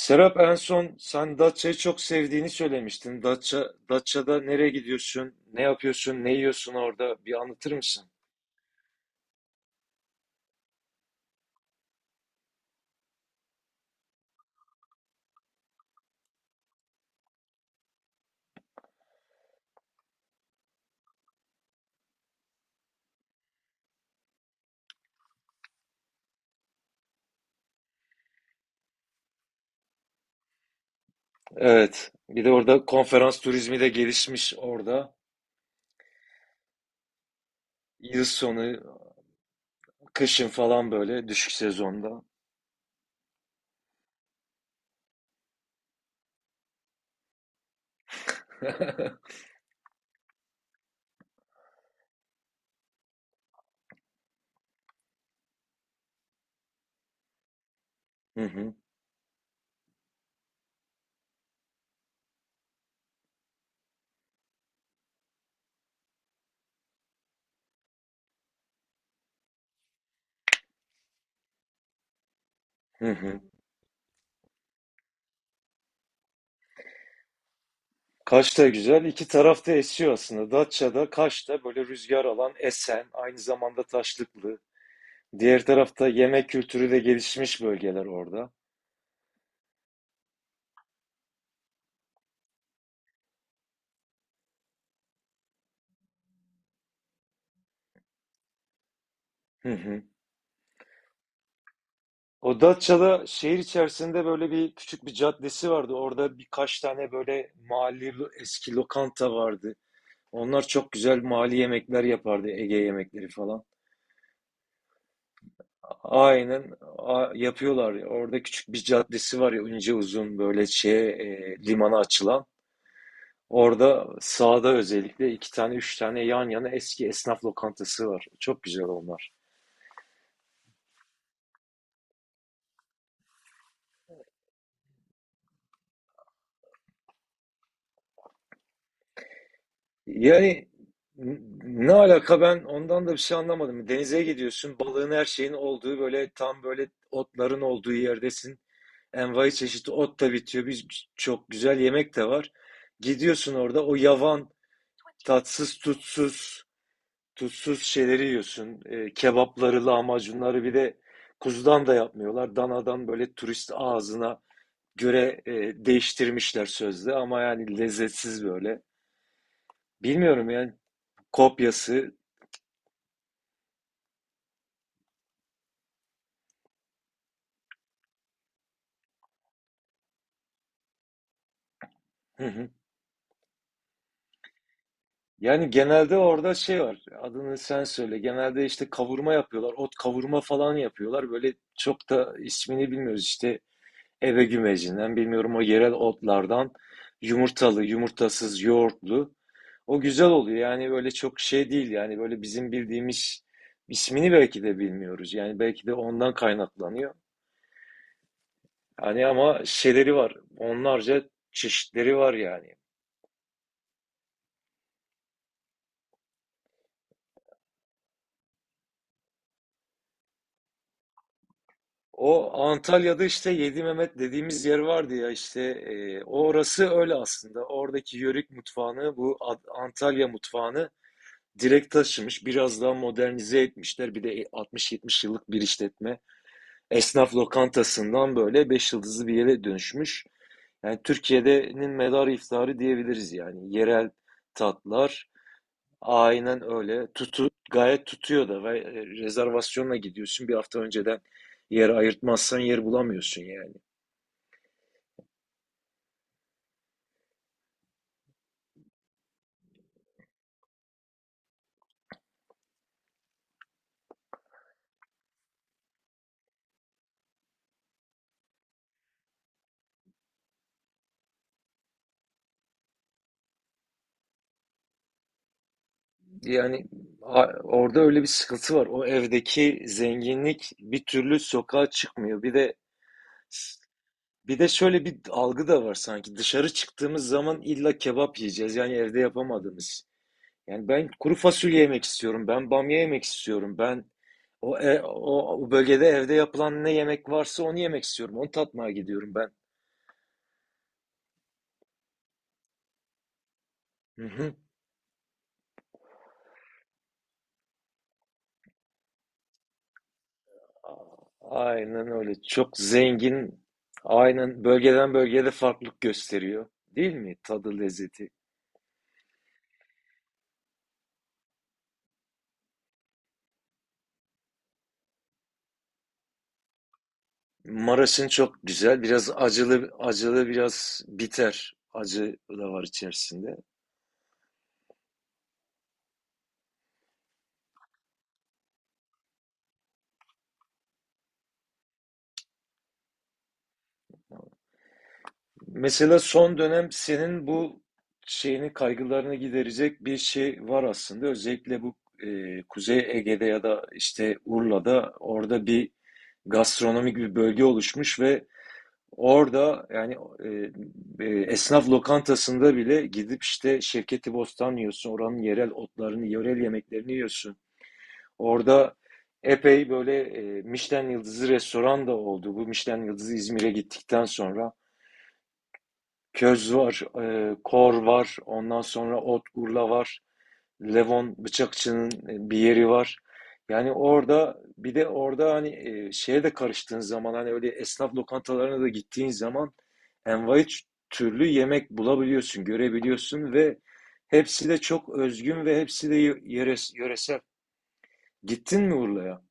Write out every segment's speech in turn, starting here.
Serap, en son sen Datça'yı çok sevdiğini söylemiştin. Datça'da nereye gidiyorsun, ne yapıyorsun, ne yiyorsun orada bir anlatır mısın? Evet, bir de orada konferans turizmi de gelişmiş orada. Yıl sonu, kışın falan böyle düşük sezonda. Hı hı, hı hı. Kaş da güzel, iki tarafta esiyor aslında. Datça'da, Kaş'ta böyle rüzgar alan esen, aynı zamanda taşlıklı. Diğer tarafta yemek kültürü de gelişmiş bölgeler orada. Hı hı. O Datça'da şehir içerisinde böyle bir küçük bir caddesi vardı. Orada birkaç tane böyle eski lokanta vardı. Onlar çok güzel mahalli yemekler yapardı. Ege yemekleri falan. Aynen yapıyorlar. Orada küçük bir caddesi var ya, ince uzun, böyle şeye limana açılan. Orada sağda özellikle iki tane üç tane yan yana eski esnaf lokantası var. Çok güzel onlar. Yani ne alaka, ben ondan da bir şey anlamadım. Denize gidiyorsun, balığın her şeyin olduğu, böyle tam böyle otların olduğu yerdesin. Envai çeşit ot da bitiyor. Bir çok güzel yemek de var. Gidiyorsun orada o yavan, tatsız, tutsuz şeyleri yiyorsun. Kebapları, lahmacunları bir de kuzudan da yapmıyorlar. Danadan böyle turist ağzına göre değiştirmişler sözde ama yani lezzetsiz böyle. Bilmiyorum yani, kopyası. Hı hı. Yani genelde orada şey var. Adını sen söyle. Genelde işte kavurma yapıyorlar. Ot kavurma falan yapıyorlar. Böyle çok da ismini bilmiyoruz. İşte eve gümecinden bilmiyorum, o yerel otlardan yumurtalı, yumurtasız, yoğurtlu. O güzel oluyor. Yani böyle çok şey değil. Yani böyle bizim bildiğimiz ismini belki de bilmiyoruz. Yani belki de ondan kaynaklanıyor. Hani ama şeyleri var. Onlarca çeşitleri var yani. O Antalya'da işte Yedi Mehmet dediğimiz yer vardı ya, işte orası öyle aslında. Oradaki yörük mutfağını, bu Antalya mutfağını direkt taşımış. Biraz daha modernize etmişler. Bir de 60-70 yıllık bir işletme. Esnaf lokantasından böyle 5 yıldızlı bir yere dönüşmüş. Yani Türkiye'de'nin medarı iftarı diyebiliriz yani. Yerel tatlar. Aynen öyle. Gayet tutuyor da ve rezervasyonla gidiyorsun. Bir hafta önceden yer ayırtmazsan yer bulamıyorsun yani. Yani orada öyle bir sıkıntı var. O evdeki zenginlik bir türlü sokağa çıkmıyor. Bir de şöyle bir algı da var sanki. Dışarı çıktığımız zaman illa kebap yiyeceğiz. Yani evde yapamadığımız. Yani ben kuru fasulye yemek istiyorum. Ben bamya yemek istiyorum. Ben o bölgede evde yapılan ne yemek varsa onu yemek istiyorum. Onu tatmaya gidiyorum ben. Hı hı. Aynen öyle. Çok zengin. Aynen, bölgeden bölgeye de farklılık gösteriyor. Değil mi? Tadı, lezzeti. Maraş'ın çok güzel. Biraz acılı, acılı biraz biter. Acı da var içerisinde. Mesela son dönem senin bu şeyini, kaygılarını giderecek bir şey var aslında. Özellikle bu Kuzey Ege'de ya da işte Urla'da, orada bir gastronomik bir bölge oluşmuş ve orada yani e, esnaf lokantasında bile gidip işte Şevketi Bostan yiyorsun. Oranın yerel otlarını, yerel yemeklerini yiyorsun. Orada epey böyle Michelin yıldızı restoran da oldu. Bu Michelin yıldızı İzmir'e gittikten sonra köz var, kor var, ondan sonra ot urla var. Levon Bıçakçı'nın bir yeri var. Yani orada, bir de orada hani şeye de karıştığın zaman, hani öyle esnaf lokantalarına da gittiğin zaman envai türlü yemek bulabiliyorsun, görebiliyorsun ve hepsi de çok özgün ve hepsi de yöresel. Gittin mi Urla'ya?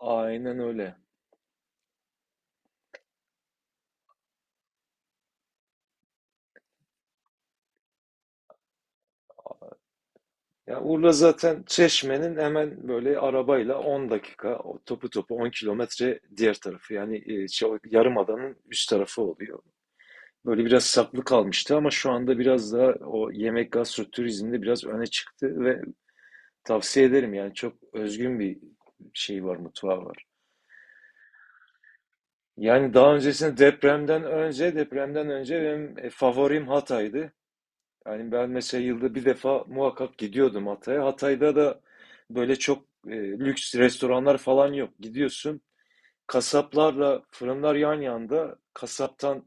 Aynen öyle. Ya Urla zaten Çeşme'nin hemen böyle, arabayla 10 dakika, o topu topu 10 kilometre diğer tarafı. Yani şey, yarımadanın üst tarafı oluyor. Böyle biraz saklı kalmıştı ama şu anda biraz daha o yemek gastroturizmde biraz öne çıktı ve tavsiye ederim yani, çok özgün bir şey var, mutfağı var. Yani daha öncesinde, depremden önce, depremden önce benim favorim Hatay'dı. Yani ben mesela yılda bir defa muhakkak gidiyordum Hatay'a. Hatay'da da böyle çok lüks restoranlar falan yok. Gidiyorsun. Kasaplarla fırınlar yan yanda. Kasaptan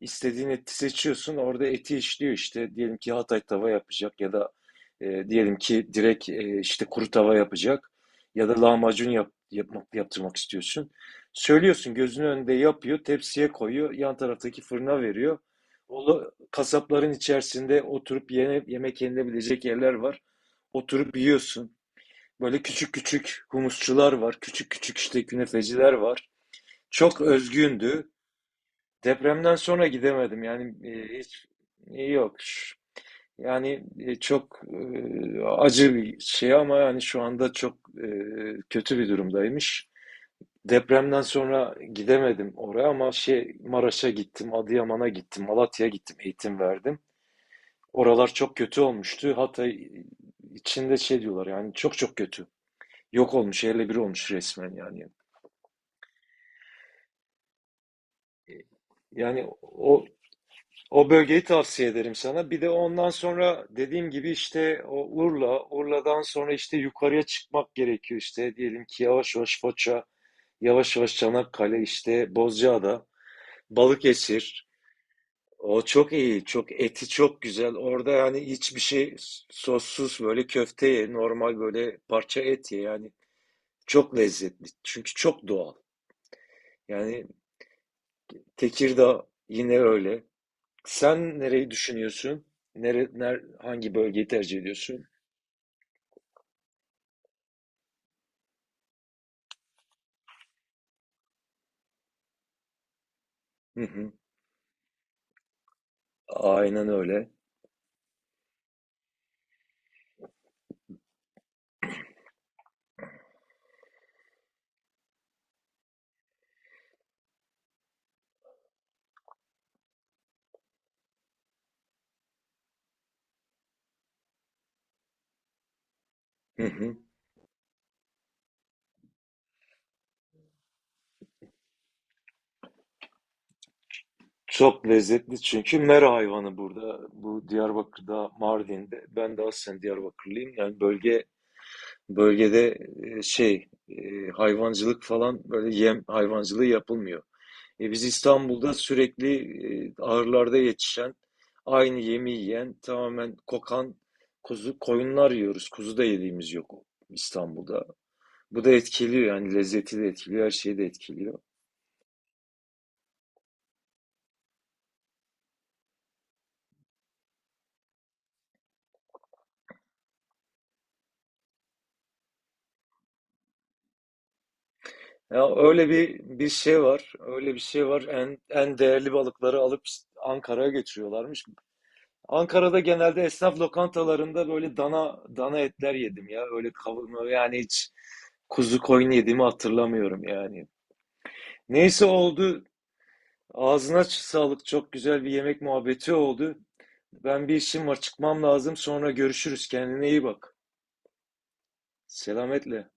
istediğin eti seçiyorsun. Orada eti işliyor işte. Diyelim ki Hatay tava yapacak ya da diyelim ki direkt işte kuru tava yapacak ya da lahmacun yaptırmak istiyorsun. Söylüyorsun, gözünün önünde yapıyor, tepsiye koyuyor, yan taraftaki fırına veriyor. Ola, kasapların içerisinde oturup yemek yenilebilecek yerler var. Oturup yiyorsun. Böyle küçük küçük humusçular var, küçük küçük işte künefeciler var. Çok özgündü. Depremden sonra gidemedim. Yani yok. Yani çok acı bir şey ama yani şu anda çok e, kötü bir durumdaymış. Depremden sonra gidemedim oraya ama şey Maraş'a gittim, Adıyaman'a gittim, Malatya'ya gittim, eğitim verdim. Oralar çok kötü olmuştu. Hatay içinde şey diyorlar yani, çok çok kötü. Yok olmuş, yerle bir olmuş resmen yani. E, Yani o bölgeyi tavsiye ederim sana. Bir de ondan sonra dediğim gibi işte o Urla, Urla'dan sonra işte yukarıya çıkmak gerekiyor işte. Diyelim ki yavaş yavaş Foça, yavaş yavaş Çanakkale, işte Bozcaada, Balıkesir. O çok iyi, çok, eti çok güzel. Orada yani hiçbir şey sossuz, böyle köfte ye, normal böyle parça et ye yani. Çok lezzetli. Çünkü çok doğal. Yani Tekirdağ yine öyle. Sen nereyi düşünüyorsun? Hangi bölgeyi tercih ediyorsun? Hı hı. Aynen öyle. Hı hı. Çok lezzetli, çünkü mera hayvanı burada. Bu Diyarbakır'da, Mardin'de. Ben de aslen Diyarbakırlıyım. Yani bölgede e, şey e, hayvancılık falan, böyle yem hayvancılığı yapılmıyor. Biz İstanbul'da sürekli ahırlarda yetişen, aynı yemi yiyen, tamamen kokan kuzu koyunlar yiyoruz. Kuzu da yediğimiz yok İstanbul'da. Bu da etkiliyor yani, lezzeti de etkiliyor, her şeyi de etkiliyor. Ya öyle bir şey var. Öyle bir şey var. En değerli balıkları alıp Ankara'ya götürüyorlarmış. Ankara'da genelde esnaf lokantalarında böyle dana etler yedim ya. Öyle kavurma, yani hiç kuzu koyun yediğimi hatırlamıyorum yani. Neyse, oldu. Ağzına sağlık. Çok güzel bir yemek muhabbeti oldu. Ben bir işim var, çıkmam lazım. Sonra görüşürüz. Kendine iyi bak. Selametle.